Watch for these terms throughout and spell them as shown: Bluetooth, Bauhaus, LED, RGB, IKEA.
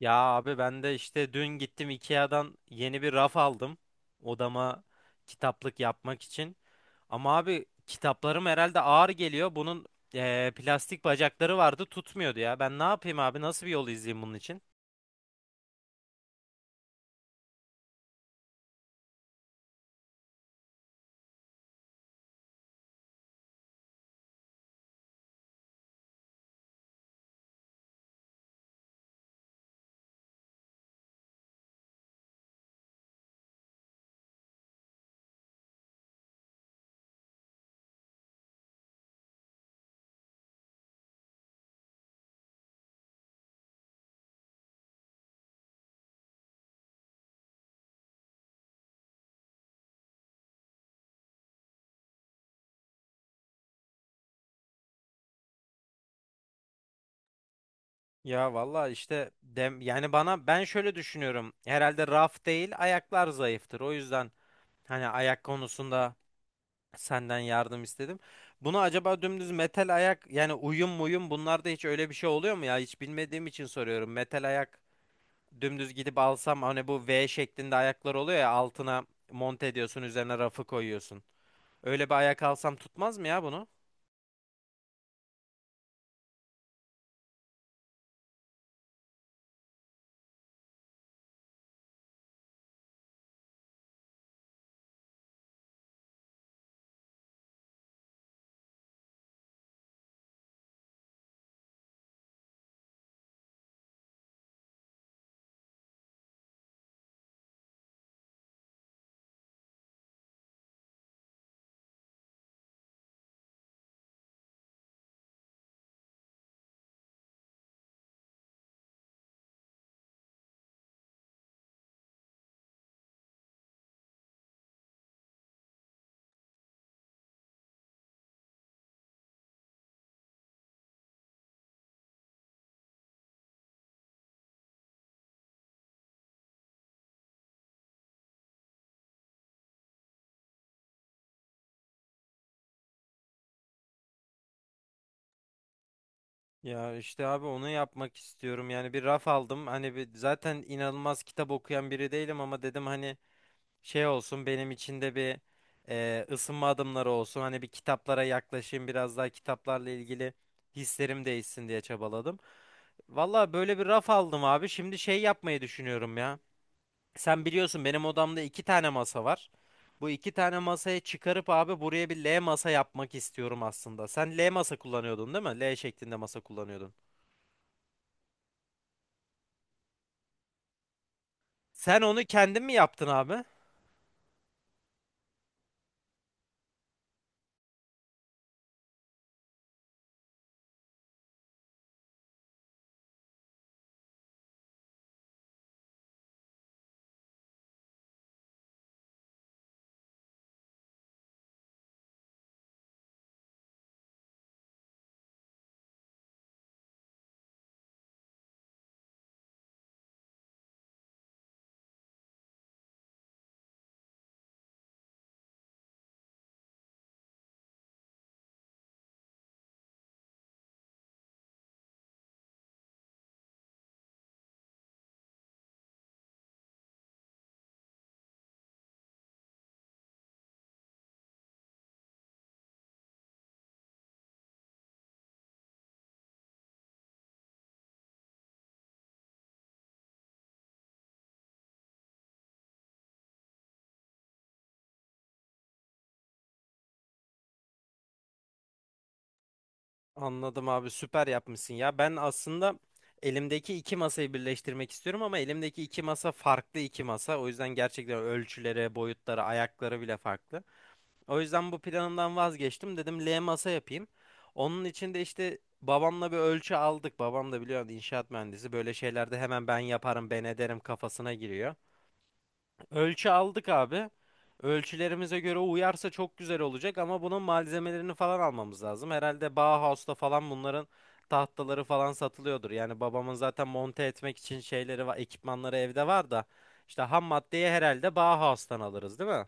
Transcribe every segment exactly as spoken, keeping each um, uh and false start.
Ya abi ben de işte dün gittim ikeadan yeni bir raf aldım odama kitaplık yapmak için. Ama abi kitaplarım herhalde ağır geliyor. Bunun eee, plastik bacakları vardı tutmuyordu ya. Ben ne yapayım abi, nasıl bir yol izleyeyim bunun için? Ya valla işte dem yani bana ben şöyle düşünüyorum. Herhalde raf değil, ayaklar zayıftır. O yüzden hani ayak konusunda senden yardım istedim. Bunu acaba dümdüz metal ayak, yani uyum muyum, bunlarda hiç öyle bir şey oluyor mu ya? Hiç bilmediğim için soruyorum. Metal ayak dümdüz gidip alsam, hani bu V şeklinde ayaklar oluyor ya altına monte ediyorsun, üzerine rafı koyuyorsun. Öyle bir ayak alsam tutmaz mı ya bunu? Ya işte abi onu yapmak istiyorum. Yani bir raf aldım. Hani bir, zaten inanılmaz kitap okuyan biri değilim ama dedim hani şey olsun benim içinde bir e, ısınma adımları olsun. Hani bir kitaplara yaklaşayım, biraz daha kitaplarla ilgili hislerim değişsin diye çabaladım. Valla böyle bir raf aldım abi. Şimdi şey yapmayı düşünüyorum ya. Sen biliyorsun benim odamda iki tane masa var. Bu iki tane masayı çıkarıp abi buraya bir L masa yapmak istiyorum aslında. Sen L masa kullanıyordun değil mi? L şeklinde masa kullanıyordun. Sen onu kendin mi yaptın abi? Anladım abi, süper yapmışsın ya. Ben aslında elimdeki iki masayı birleştirmek istiyorum ama elimdeki iki masa farklı iki masa. O yüzden gerçekten ölçüleri, boyutları, ayakları bile farklı. O yüzden bu planımdan vazgeçtim. Dedim L masa yapayım. Onun için de işte babamla bir ölçü aldık. Babam da biliyorsun inşaat mühendisi. Böyle şeylerde hemen ben yaparım, ben ederim kafasına giriyor. Ölçü aldık abi. Ölçülerimize göre uyarsa çok güzel olacak ama bunun malzemelerini falan almamız lazım. Herhalde Bauhaus'ta falan bunların tahtaları falan satılıyordur. Yani babamın zaten monte etmek için şeyleri var, ekipmanları evde var da işte ham maddeyi herhalde Bauhaus'tan alırız, değil mi?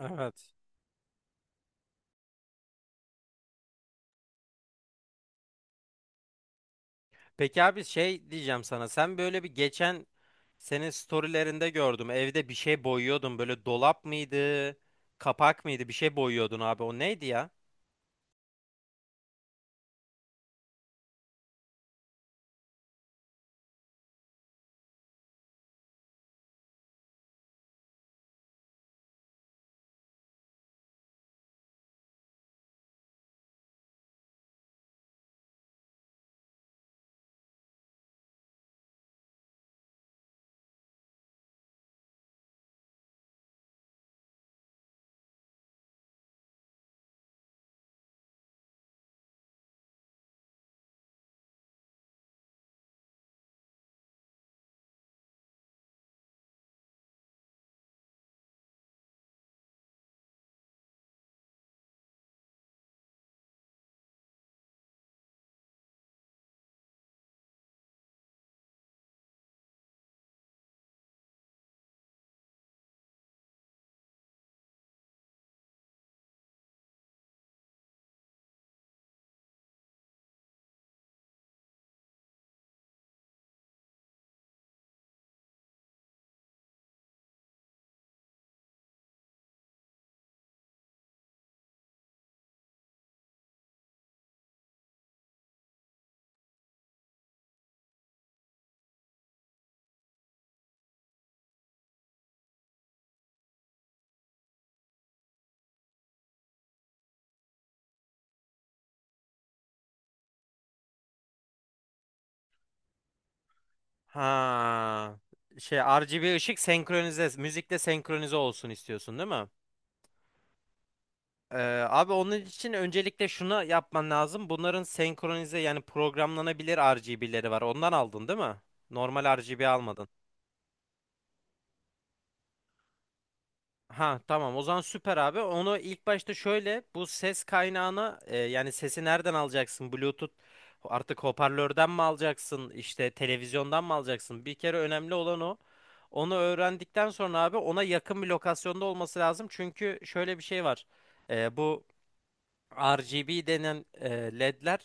Evet. Peki abi şey diyeceğim sana. Sen böyle bir geçen senin storylerinde gördüm. Evde bir şey boyuyordun. Böyle dolap mıydı? Kapak mıydı? Bir şey boyuyordun abi. O neydi ya? Ha. Şey, R G B ışık senkronize, müzikle senkronize olsun istiyorsun değil mi? Ee, Abi onun için öncelikle şunu yapman lazım. Bunların senkronize, yani programlanabilir R G B'leri var. Ondan aldın değil mi? Normal R G B almadın. Ha tamam, o zaman süper abi. Onu ilk başta şöyle, bu ses kaynağını e, yani sesi nereden alacaksın? Bluetooth artık, hoparlörden mi alacaksın? İşte televizyondan mı alacaksın? Bir kere önemli olan o. Onu öğrendikten sonra abi ona yakın bir lokasyonda olması lazım. Çünkü şöyle bir şey var. E, bu R G B denen e, L E D'ler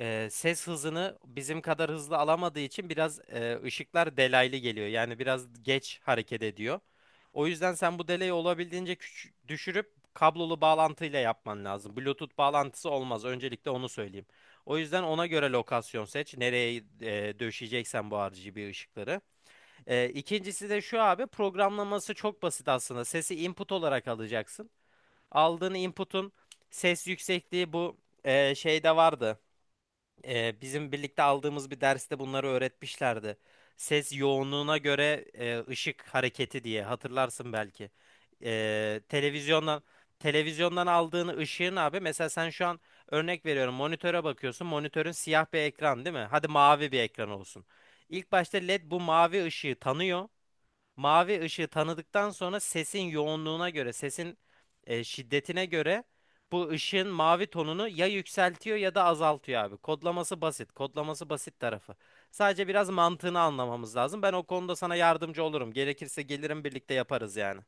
e, ses hızını bizim kadar hızlı alamadığı için biraz e, ışıklar delaylı geliyor. Yani biraz geç hareket ediyor. O yüzden sen bu delayı olabildiğince küç- düşürüp kablolu bağlantıyla yapman lazım. Bluetooth bağlantısı olmaz. Öncelikle onu söyleyeyim. O yüzden ona göre lokasyon seç. Nereye e, döşeyeceksen bu R G B ışıkları. E, ikincisi de şu abi, programlaması çok basit aslında. Sesi input olarak alacaksın. Aldığın input'un ses yüksekliği bu e, şeyde vardı, e, bizim birlikte aldığımız bir derste bunları öğretmişlerdi. Ses yoğunluğuna göre e, ışık hareketi diye hatırlarsın belki. E, televizyondan televizyondan aldığın ışığın abi, mesela sen şu an örnek veriyorum monitöre bakıyorsun. Monitörün siyah bir ekran değil mi? Hadi mavi bir ekran olsun. İlk başta L E D bu mavi ışığı tanıyor. Mavi ışığı tanıdıktan sonra sesin yoğunluğuna göre, sesin e, şiddetine göre bu ışığın mavi tonunu ya yükseltiyor ya da azaltıyor abi. Kodlaması basit. Kodlaması basit tarafı. Sadece biraz mantığını anlamamız lazım. Ben o konuda sana yardımcı olurum. Gerekirse gelirim, birlikte yaparız yani.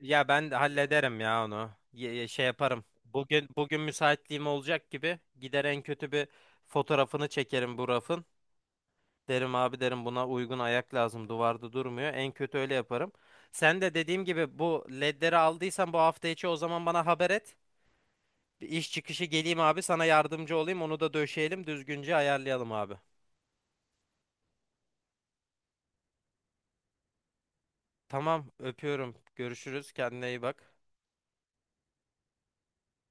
Ya ben de hallederim ya onu. Ye- ye- şey yaparım. Bugün bugün müsaitliğim olacak gibi gider, en kötü bir fotoğrafını çekerim bu rafın. Derim abi, derim buna uygun ayak lazım. Duvarda durmuyor. En kötü öyle yaparım. Sen de dediğim gibi bu ledleri aldıysan bu hafta içi o zaman bana haber et. Bir iş çıkışı geleyim abi, sana yardımcı olayım. Onu da döşeyelim, düzgünce ayarlayalım abi. Tamam, öpüyorum. Görüşürüz. Kendine iyi bak.